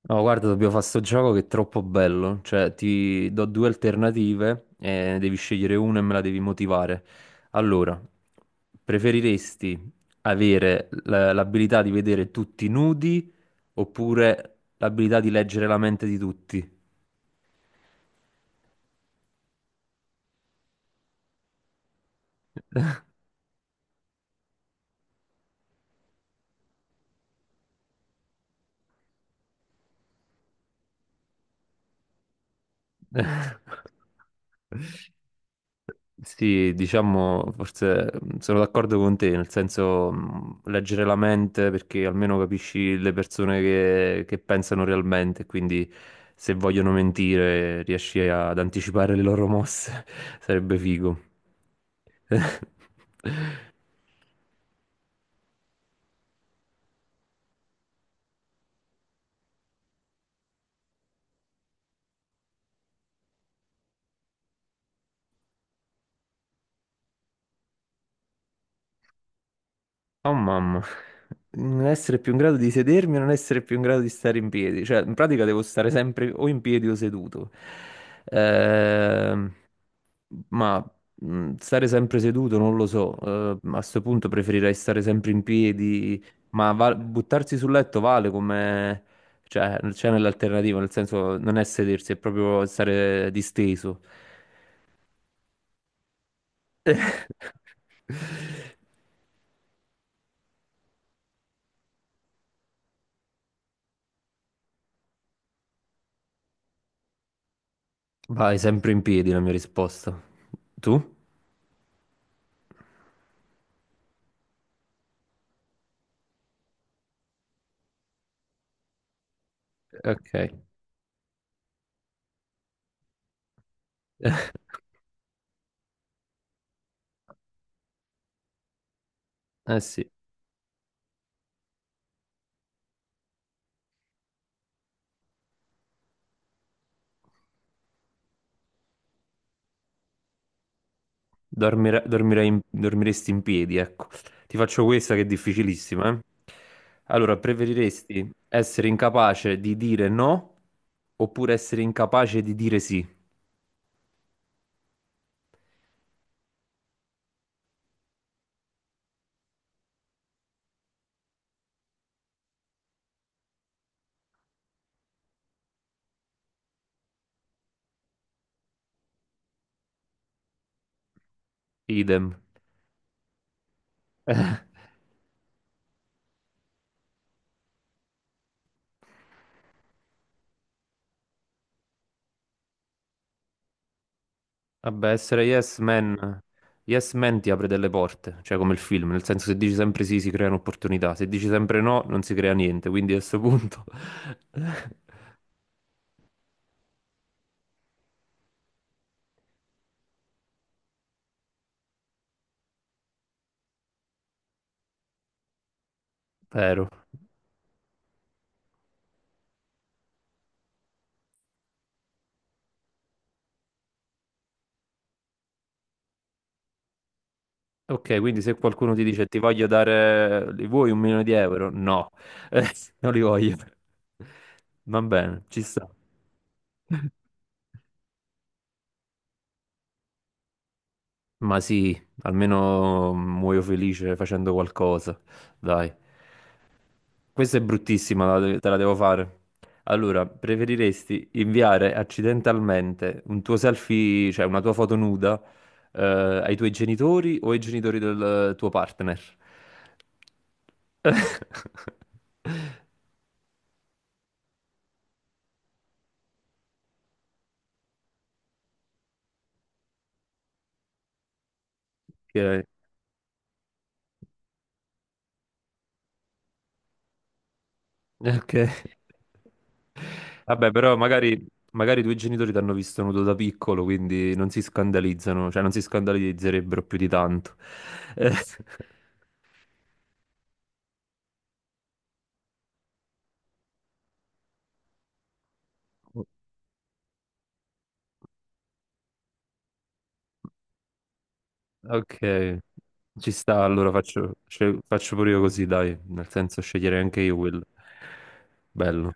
No, guarda, dobbiamo fare sto gioco che è troppo bello. Cioè, ti do due alternative e ne devi scegliere una e me la devi motivare. Allora, preferiresti avere l'abilità di vedere tutti nudi oppure l'abilità di leggere la mente di tutti? Sì, diciamo, forse sono d'accordo con te, nel senso leggere la mente perché almeno capisci le persone che pensano realmente, quindi se vogliono mentire riesci ad anticipare le loro mosse, sarebbe figo. Oh mamma, non essere più in grado di sedermi e non essere più in grado di stare in piedi, cioè in pratica devo stare sempre o in piedi o seduto. Ehm Ma Stare sempre seduto non lo so, a questo punto preferirei stare sempre in piedi, ma buttarsi sul letto vale come cioè c'è nell'alternativa, nel senso non è sedersi, è proprio stare disteso. Vai sempre in piedi la mia risposta. Tu? Ok. Eh sì, dormiresti in piedi, ecco. Ti faccio questa che è difficilissima, eh. Allora, preferiresti essere incapace di dire no oppure essere incapace di dire sì? Idem. Vabbè, essere yes man ti apre delle porte, cioè come il film, nel senso se dici sempre sì si creano opportunità, se dici sempre no non si crea niente, quindi a questo punto. Vero. Ok, quindi se qualcuno ti dice ti voglio dare, li vuoi 1 milione di euro? No, non li voglio. Va bene, ci sta. Ma sì, almeno muoio felice facendo qualcosa. Dai, questa è bruttissima, te la devo fare. Allora, preferiresti inviare accidentalmente un tuo selfie, cioè una tua foto nuda, eh, ai tuoi genitori o ai genitori del tuo partner? Ok, ok. Vabbè, però magari, magari i tuoi genitori ti hanno visto nudo da piccolo, quindi non si scandalizzano, cioè non si scandalizzerebbero più di tanto. Eh, ok, ci sta, allora faccio, faccio pure io così, dai, nel senso sceglierei anche io quello. Bello.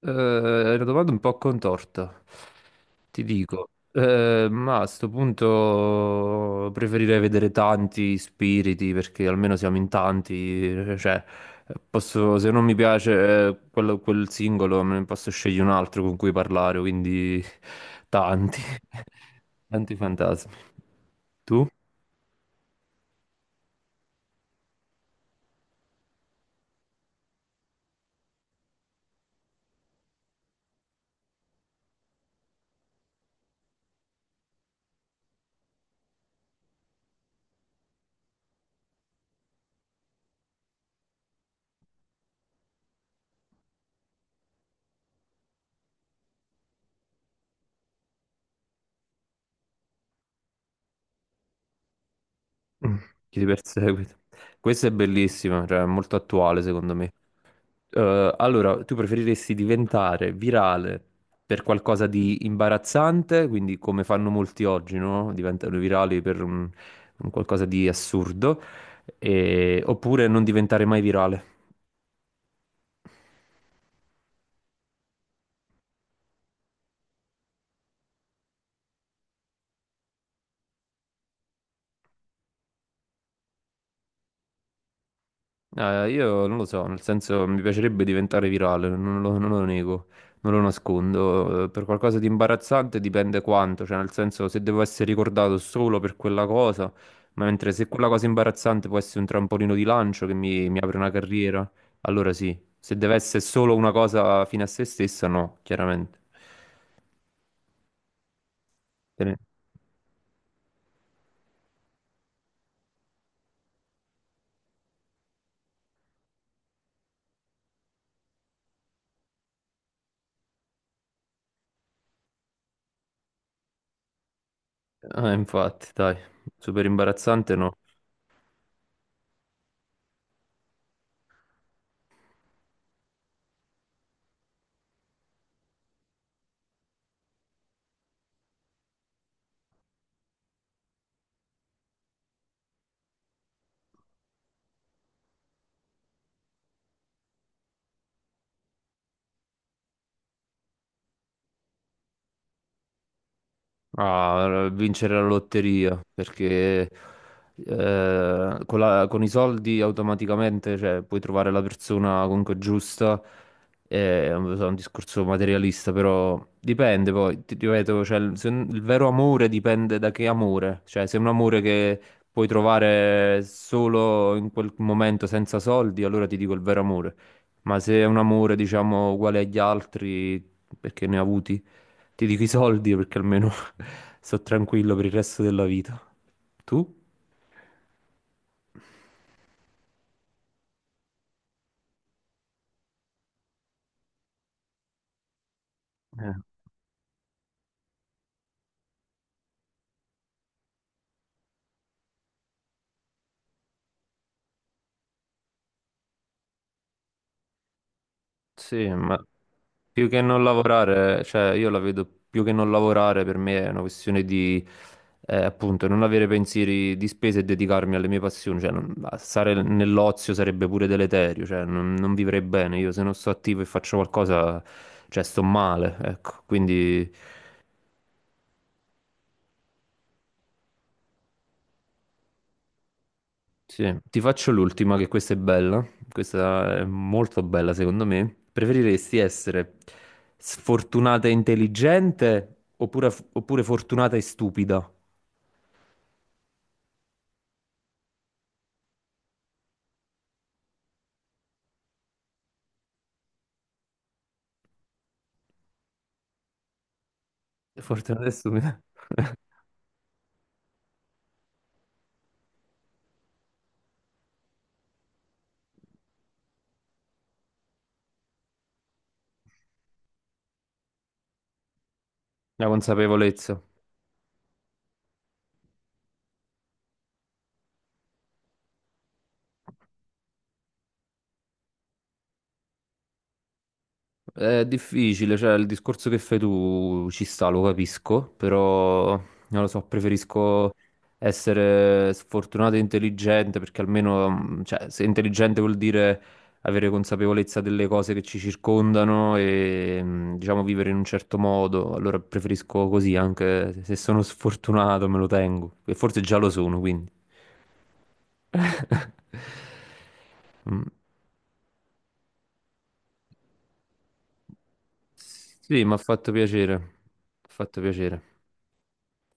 È una domanda un po' contorta, ti dico. Ma a sto punto preferirei vedere tanti spiriti perché almeno siamo in tanti. Eh, cioè, se non mi piace quel singolo, me ne posso scegliere un altro con cui parlare, quindi tanti, tanti fantasmi. Tu? Mm. Chi ti perseguita? Questa è bellissima, cioè è molto attuale secondo me. Allora, tu preferiresti diventare virale per qualcosa di imbarazzante, quindi come fanno molti oggi, no? Diventano virali per un qualcosa di assurdo, oppure non diventare mai virale? No, io non lo so, nel senso mi piacerebbe diventare virale, non lo nego, non lo nascondo. Per qualcosa di imbarazzante dipende quanto, cioè nel senso se devo essere ricordato solo per quella cosa, ma mentre se quella cosa imbarazzante può essere un trampolino di lancio che mi apre una carriera, allora sì. Se deve essere solo una cosa fine a se stessa, no, chiaramente. Te ne- Ah, infatti, dai, super imbarazzante no. A vincere la lotteria perché con i soldi automaticamente cioè, puoi trovare la persona comunque giusta. È un discorso materialista, però dipende poi, ti ripeto, cioè, il, se- il vero amore dipende da che amore, cioè se è un amore che puoi trovare solo in quel momento senza soldi, allora ti dico il vero amore, ma se è un amore diciamo uguale agli altri perché ne ha avuti ti dico i soldi perché almeno sto tranquillo per il resto della vita. Tu? Eh, Sì, ma più che non lavorare, cioè io la vedo più che non lavorare per me è una questione di appunto non avere pensieri di spese e dedicarmi alle mie passioni, cioè stare nell'ozio sarebbe pure deleterio, cioè non vivrei bene, io se non sto attivo e faccio qualcosa, cioè sto male, ecco, quindi sì, ti faccio l'ultima, che questa è bella, questa è molto bella secondo me. Preferiresti essere sfortunata e intelligente oppure, oppure fortunata e stupida? Fortunata e stupida. La consapevolezza. È difficile, cioè il discorso che fai tu ci sta, lo capisco, però non lo so, preferisco essere sfortunato e intelligente perché almeno, cioè, se intelligente vuol dire avere consapevolezza delle cose che ci circondano e diciamo vivere in un certo modo, allora preferisco così, anche se sono sfortunato me lo tengo, e forse già lo sono, quindi. Mm. Sì, mi ha fatto piacere. Mi ha fatto piacere.